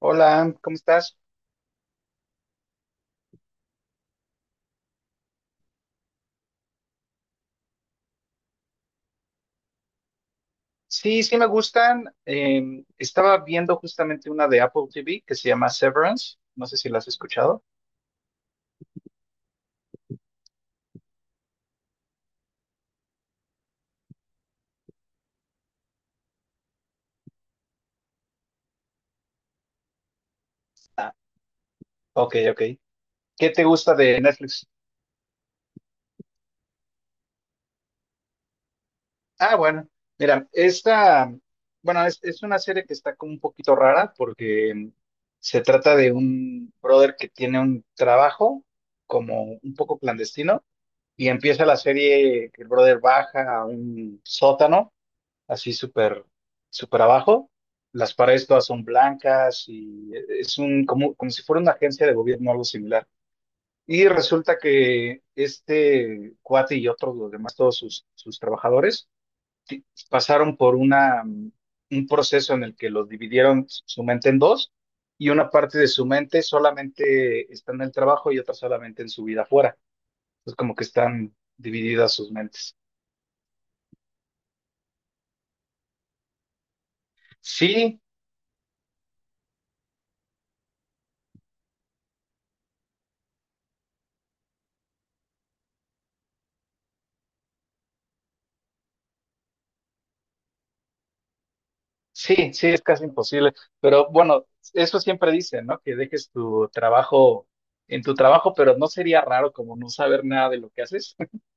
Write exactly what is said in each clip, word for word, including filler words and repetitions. Hola, ¿cómo estás? Sí, sí me gustan. Eh, estaba viendo justamente una de Apple T V que se llama Severance. No sé si la has escuchado. Ah, ok, ok. ¿Qué te gusta de Netflix? Ah, bueno, mira, esta, bueno, es, es una serie que está como un poquito rara porque mm, se trata de un brother que tiene un trabajo como un poco clandestino y empieza la serie que el brother baja a un sótano así súper, súper abajo. Las paredes todas son blancas y es un, como, como si fuera una agencia de gobierno, algo similar. Y resulta que este cuate y otros, los demás, todos sus, sus trabajadores, ti- pasaron por una, mm, un proceso en el que los dividieron s- su mente en dos, y una parte de su mente solamente está en el trabajo y otra solamente en su vida afuera. Es como que están divididas sus mentes. Sí. Sí, sí, es casi imposible. Pero bueno, eso siempre dicen, ¿no? Que dejes tu trabajo en tu trabajo, pero no sería raro como no saber nada de lo que haces.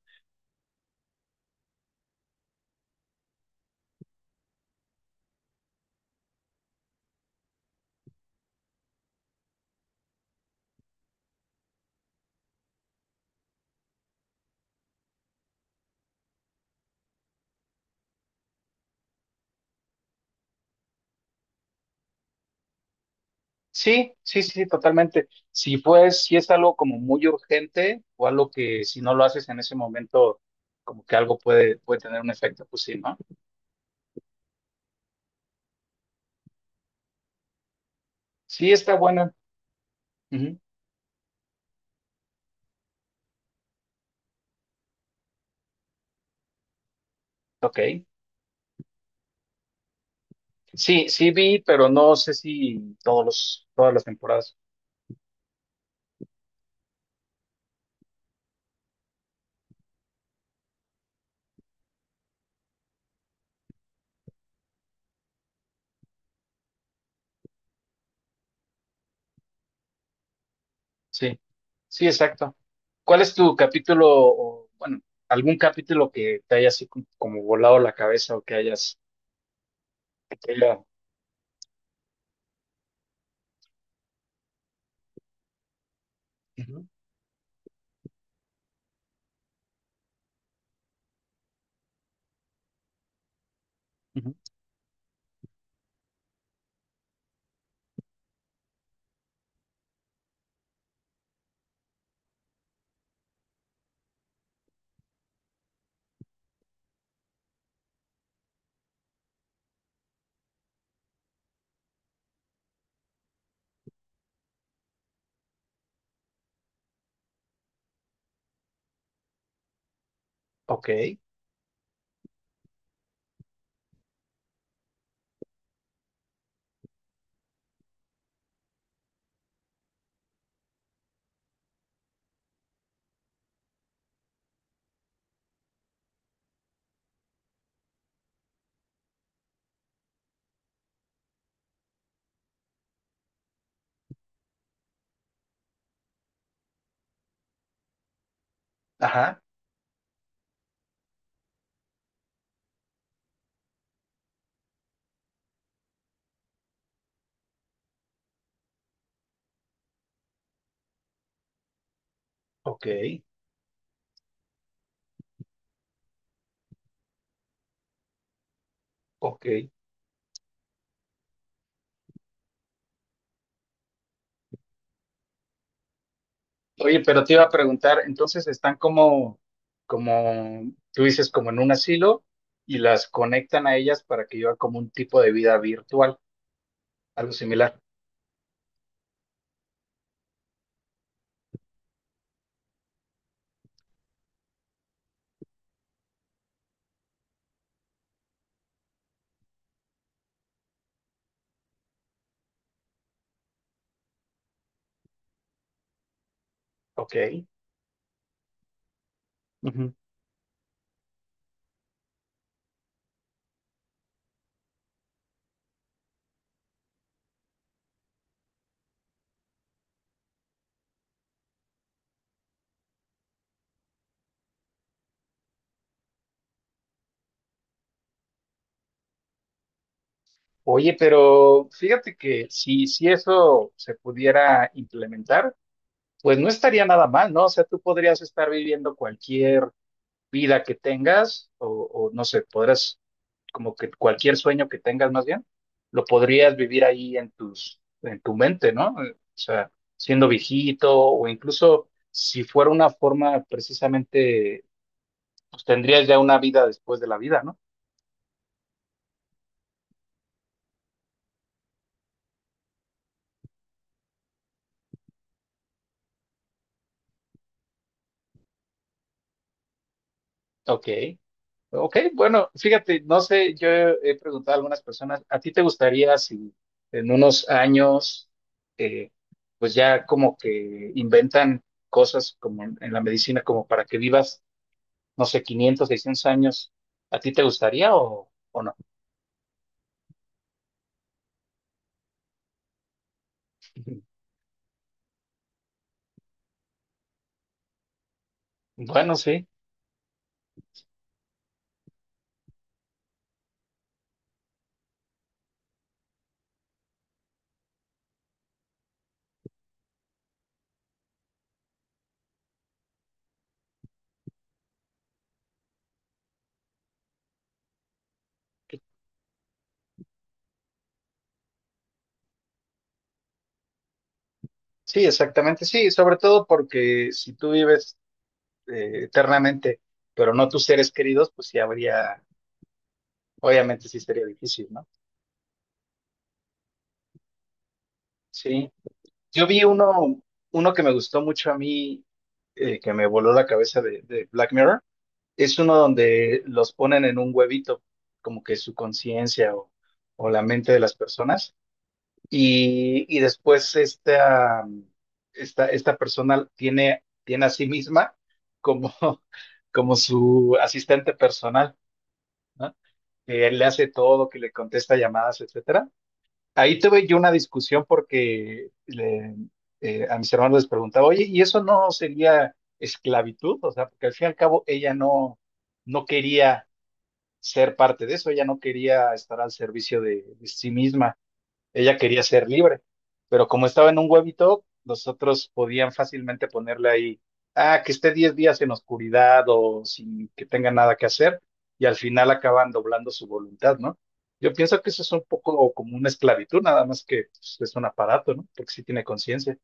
Sí, sí, sí, totalmente. Si pues, si es algo como muy urgente o algo que si no lo haces en ese momento, como que algo puede, puede tener un efecto, pues sí, ¿no? Sí, está buena. Ujú. Ok. Sí, sí vi, pero no sé si todos los, todas las temporadas. Sí, sí, exacto. ¿Cuál es tu capítulo o, bueno, algún capítulo que te haya así como, como volado la cabeza o que hayas... que te haya- Ujú, ujú. Ok, ajá, ok, ok. Oye, pero te iba a preguntar, entonces están como, como, tú dices, como en un asilo, y las conectan a ellas para que lleven como un tipo de vida virtual, algo similar. Ok. Ujú. Oye, pero fíjate que si, si eso se pudiera implementar, pues no estaría nada mal, ¿no? O sea, tú podrías estar viviendo cualquier vida que tengas o, o no sé, podrás como que cualquier sueño que tengas más bien, lo podrías vivir ahí en tus, en tu mente, ¿no? Eh, O sea, siendo viejito o incluso si fuera una forma precisamente, pues tendrías ya una vida después de la vida, ¿no? Ok. Ok, bueno, fíjate, no sé, yo he preguntado a algunas personas, ¿a ti te gustaría si en unos años, eh, pues ya como que inventan cosas como en, en la medicina, como para que vivas, no sé, quinientos, seiscientos años, ¿a ti te gustaría o, o no? Bueno, sí, sí, exactamente, sí, sobre todo porque si tú vives eh, eternamente, pero no tus seres queridos, pues sí habría, obviamente sí sería difícil, ¿no? Sí. Yo vi uno, Uno que me gustó mucho a mí, eh, que me voló la cabeza de, de Black Mirror. Es uno donde los ponen en un huevito, como que su conciencia o, o la mente de las personas. Y, y después esta, esta, esta persona tiene, tiene a sí misma como, como su asistente personal, ¿no? Que le hace todo, que le contesta llamadas, etcétera. Ahí tuve yo una discusión porque le- eh, a mis hermanos les preguntaba, oye, ¿y eso no sería esclavitud? O sea, porque al fin y al cabo ella no, no quería ser parte de eso, ella no quería estar al servicio de, de sí misma. Ella quería ser libre, pero como estaba en un huevito, los otros podían fácilmente ponerle ahí, ah, que esté diez días en oscuridad o sin que tenga nada que hacer, y al final acaban doblando su voluntad, ¿no? Yo pienso que eso es un poco como una esclavitud, nada más que pues, es un aparato, ¿no? Porque sí tiene conciencia.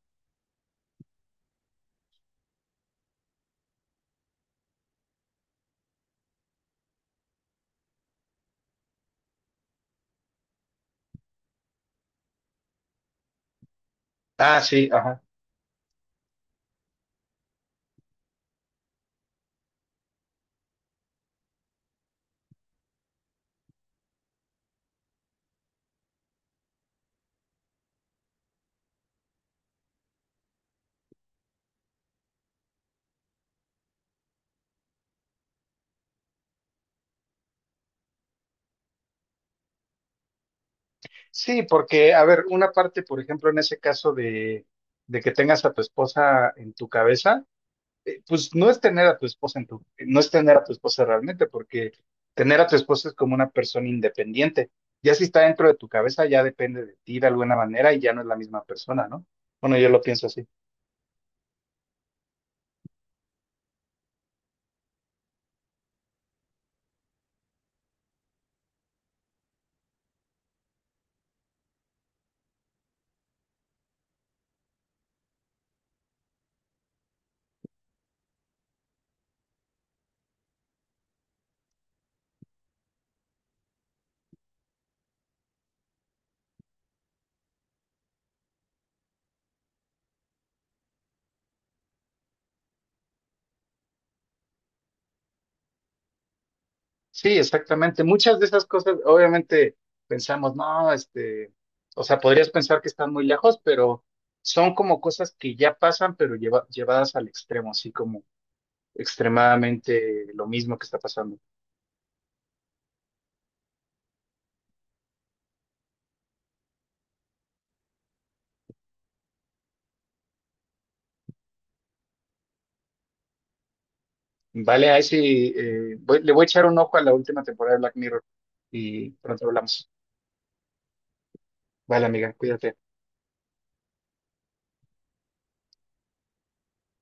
Ah, sí, ajá. Sí, porque, a ver, una parte, por ejemplo, en ese caso de, de que tengas a tu esposa en tu cabeza, eh, pues no es tener a tu esposa en tu, no es tener a tu esposa realmente, porque tener a tu esposa es como una persona independiente. Ya si está dentro de tu cabeza, ya depende de ti de alguna manera y ya no es la misma persona, ¿no? Bueno, yo lo pienso así. Sí, exactamente. Muchas de esas cosas, obviamente, pensamos, no, este, o sea, podrías pensar que están muy lejos, pero son como cosas que ya pasan, pero lleva- llevadas al extremo, así como extremadamente lo mismo que está pasando. Vale, ahí sí, eh, voy- le voy a echar un ojo a la última temporada de Black Mirror y pronto hablamos. Vale, amiga, cuídate.